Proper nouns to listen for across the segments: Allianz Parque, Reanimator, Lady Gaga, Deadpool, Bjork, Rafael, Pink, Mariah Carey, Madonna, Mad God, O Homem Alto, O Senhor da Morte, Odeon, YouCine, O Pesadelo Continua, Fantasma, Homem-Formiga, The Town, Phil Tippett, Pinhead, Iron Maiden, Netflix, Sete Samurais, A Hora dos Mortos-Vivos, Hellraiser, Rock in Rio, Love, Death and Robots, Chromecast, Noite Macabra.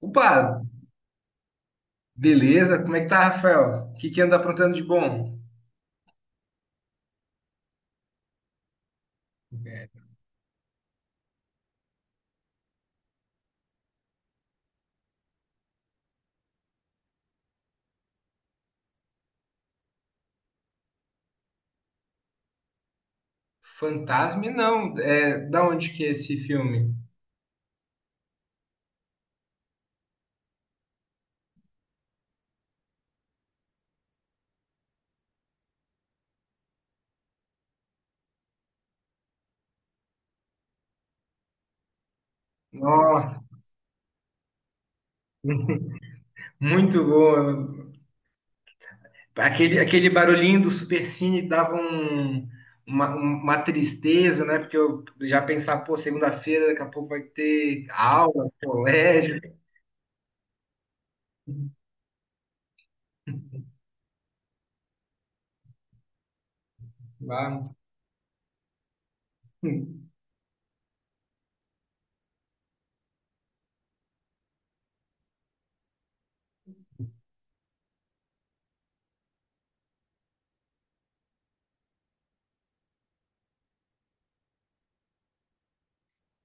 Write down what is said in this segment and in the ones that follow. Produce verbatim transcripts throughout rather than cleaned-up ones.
Opa, beleza? Como é que tá, Rafael? O que que anda aprontando de bom? É, Fantasma? Não. É, da onde que é esse filme? Nossa, muito bom. Aquele, aquele barulhinho do Supercine dava um- uma, uma tristeza, né? Porque eu já pensava, pô, segunda-feira daqui a pouco vai ter aula, colégio. Lá.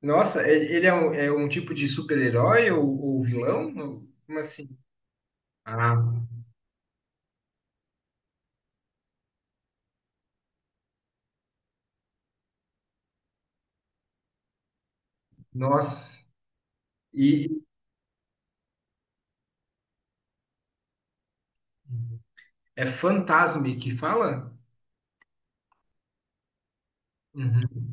Nossa, e- ele é um, é um tipo de super-herói ou, ou vilão? Como assim? Ah, nossa. E, é Fantasme que fala? Uhum.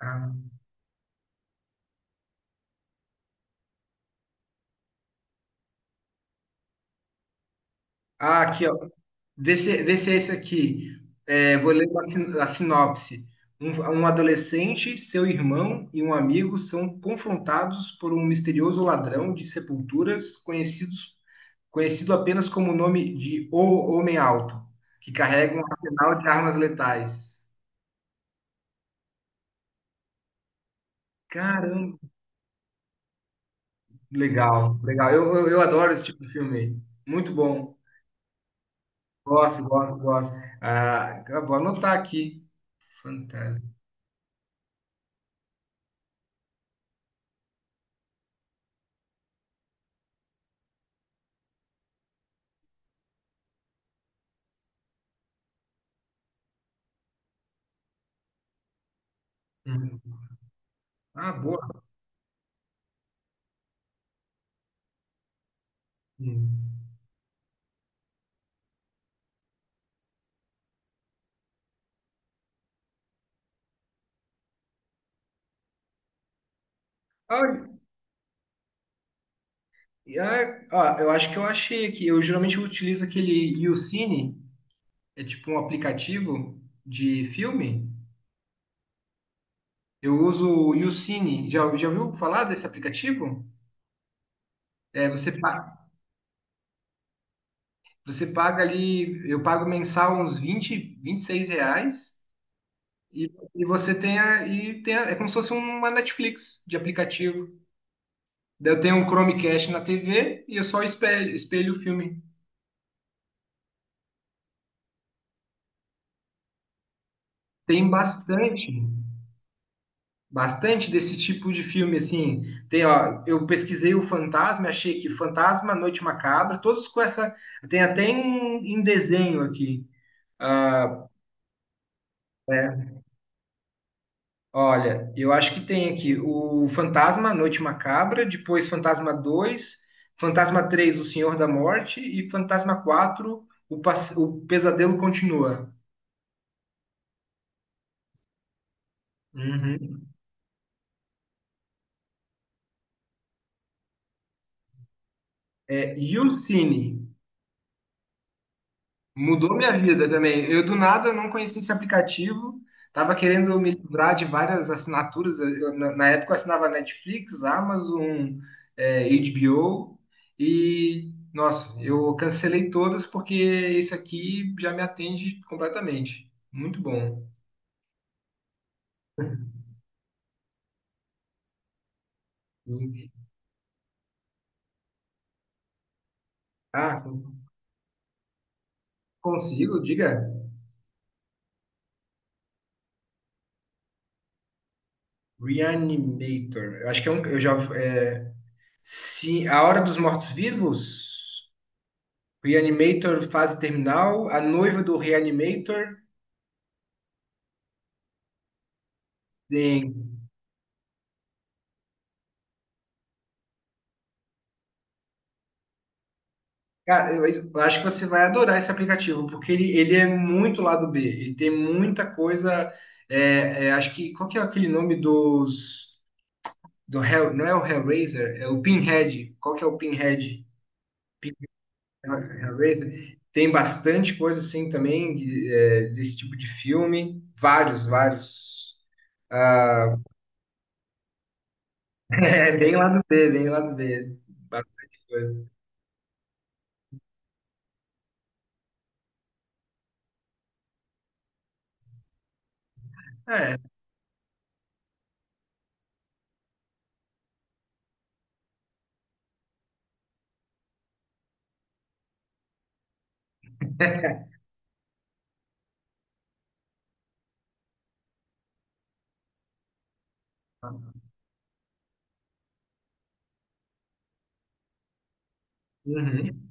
Ah, ah, aqui, ó. Vê se, vê se é esse aqui. É, vou ler uma sin- a sinopse. Um, um adolescente, seu irmão e um amigo são confrontados por um misterioso ladrão de sepulturas conhecidos, conhecido apenas como o nome de O Homem Alto, que carrega um arsenal de armas letais. Caramba, legal, legal. Eu, eu, eu adoro esse tipo de filme. Aí. Muito bom. Gosto, gosto, gosto. Ah, vou anotar aqui. Fantasma. Hum. Ah, boa. Hum. Ah, e- ah, ah, eu acho que eu achei aqui. Eu geralmente utilizo aquele YouCine, é tipo um aplicativo de filme. Eu uso o YouCine. Já, já ouviu falar desse aplicativo? É, você, pa- você paga ali, eu pago mensal uns vinte vinte e seis reais e, e você tem, a, e tem a- é como se fosse uma Netflix de aplicativo. Daí eu tenho um Chromecast na T V e eu só espelho, espelho o filme. Tem bastante. Bastante desse tipo de filme, assim. Tem, ó, eu pesquisei o Fantasma, achei que Fantasma, Noite Macabra, todos com essa. Tem até em, em desenho aqui. Ah, é, olha, eu acho que tem aqui o Fantasma, Noite Macabra, depois Fantasma dois, Fantasma três O Senhor da Morte, e Fantasma quatro O, Pass- o Pesadelo Continua. Uhum. É, e o Cine? Mudou minha vida também. Eu do nada não conhecia esse aplicativo, tava querendo me livrar de várias assinaturas. Eu, eu, na na época eu assinava Netflix, Amazon, é, H B O e nossa, eu cancelei todas porque esse aqui já me atende completamente. Muito bom. E- ah, consigo, diga. Reanimator. Eu acho que é um, eu já é, sim, A Hora dos Mortos-Vivos. Reanimator fase terminal, a noiva do Reanimator. Tem. Cara, eu, eu acho que você vai adorar esse aplicativo, porque ele, ele é muito lado B. Ele tem muita coisa. é, é, acho que. Qual que é aquele nome dos. Do Hell, não é o Hellraiser, é o Pinhead. Qual que é o Pinhead? Pin- Hellraiser. Tem bastante coisa assim também de- é, desse tipo de filme. Vários, vários. É bem lado B, bem lado B. Bastante coisa. Uhum.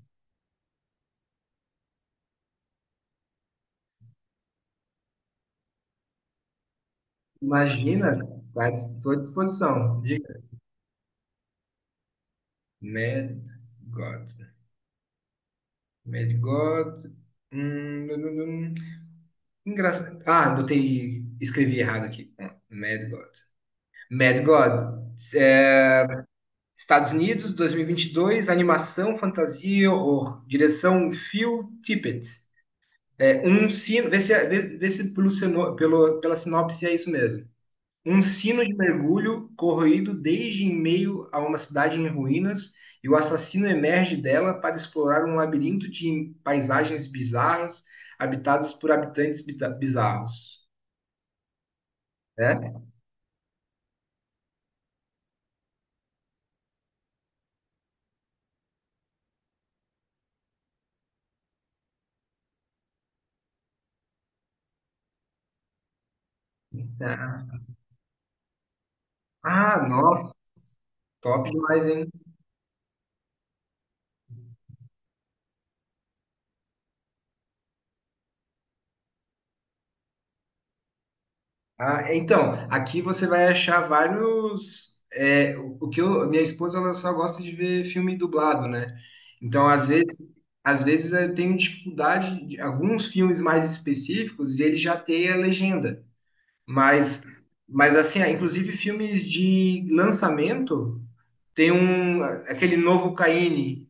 Imagina, tá, estou à disposição. Diga. Mad God. Mad God. Hum, dum, dum, dum. Engraçado. Ah, botei. Escrevi errado aqui. Ah, Mad God. Mad God. É, Estados Unidos, dois mil e vinte e dois. Animação, fantasia e horror. Direção Phil Tippett. É, um sino. Vê se, é, vê, vê se pelo, sino- pelo, pela sinopse é isso mesmo. Um sino de mergulho corroído desde em meio a uma cidade em ruínas, e o assassino emerge dela para explorar um labirinto de paisagens bizarras, habitadas por habitantes bita- bizarros. Né? Ah, nossa, top demais, hein? Ah, então, aqui você vai achar vários. É, o o que eu, minha esposa ela só gosta de ver filme dublado, né? Então, às vezes, às vezes eu tenho dificuldade de alguns filmes mais específicos e ele já tem a legenda. Mas, mas assim, ah, inclusive filmes de lançamento, tem um aquele novo Caine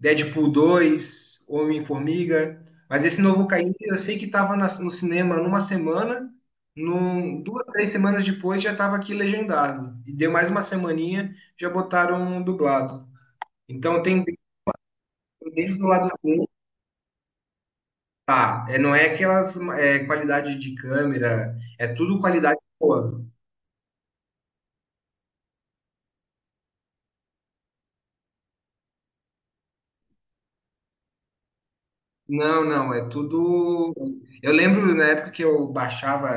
Deadpool dois, Homem-Formiga. Mas esse novo Caim, eu sei que estava no cinema numa semana, num, duas, três semanas depois já estava aqui legendado. E deu mais uma semaninha, já botaram um dublado. Então tem desde do lado ruim, tá? É, não é aquelas é, qualidade de câmera, é tudo qualidade boa. Não, não, é tudo. Eu lembro na época que eu baixava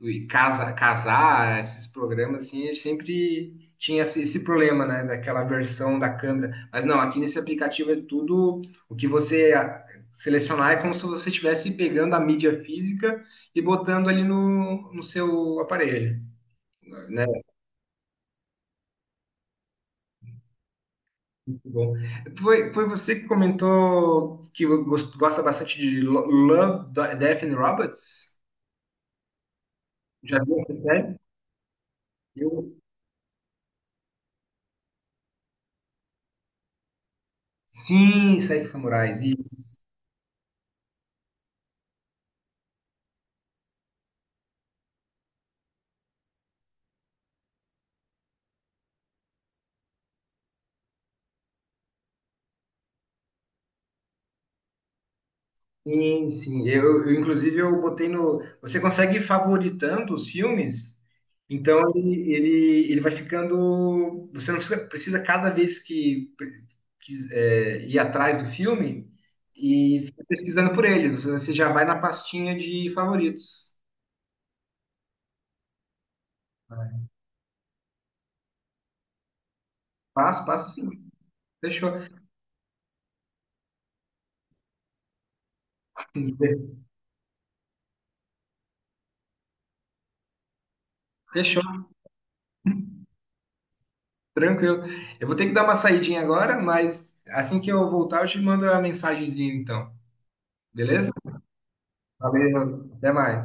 o casa, casar, esses programas assim, eu sempre tinha esse, esse problema, né, daquela versão da câmera. Mas não, aqui nesse aplicativo é tudo o que você a- selecionar é como se você estivesse pegando a mídia física e botando ali no, no seu aparelho, né? Muito bom. Foi, foi você que comentou que gos- gosta bastante de Lo- Love, Death and Robots? Já viu essa série? Eu... Sim, Sete Samurais, isso. Sim, sim. Eu, eu, inclusive, eu botei no. Você consegue ir favoritando os filmes, então ele, ele, ele vai ficando. Você não precisa, precisa cada vez que, que é, ir atrás do filme e fica pesquisando por ele. Você, você já vai na pastinha de favoritos. Passo, passo sim. Fechou. Fechou, tranquilo. Eu vou ter que dar uma saidinha agora, mas assim que eu voltar, eu te mando a mensagenzinha, então. Beleza? Valeu, até mais.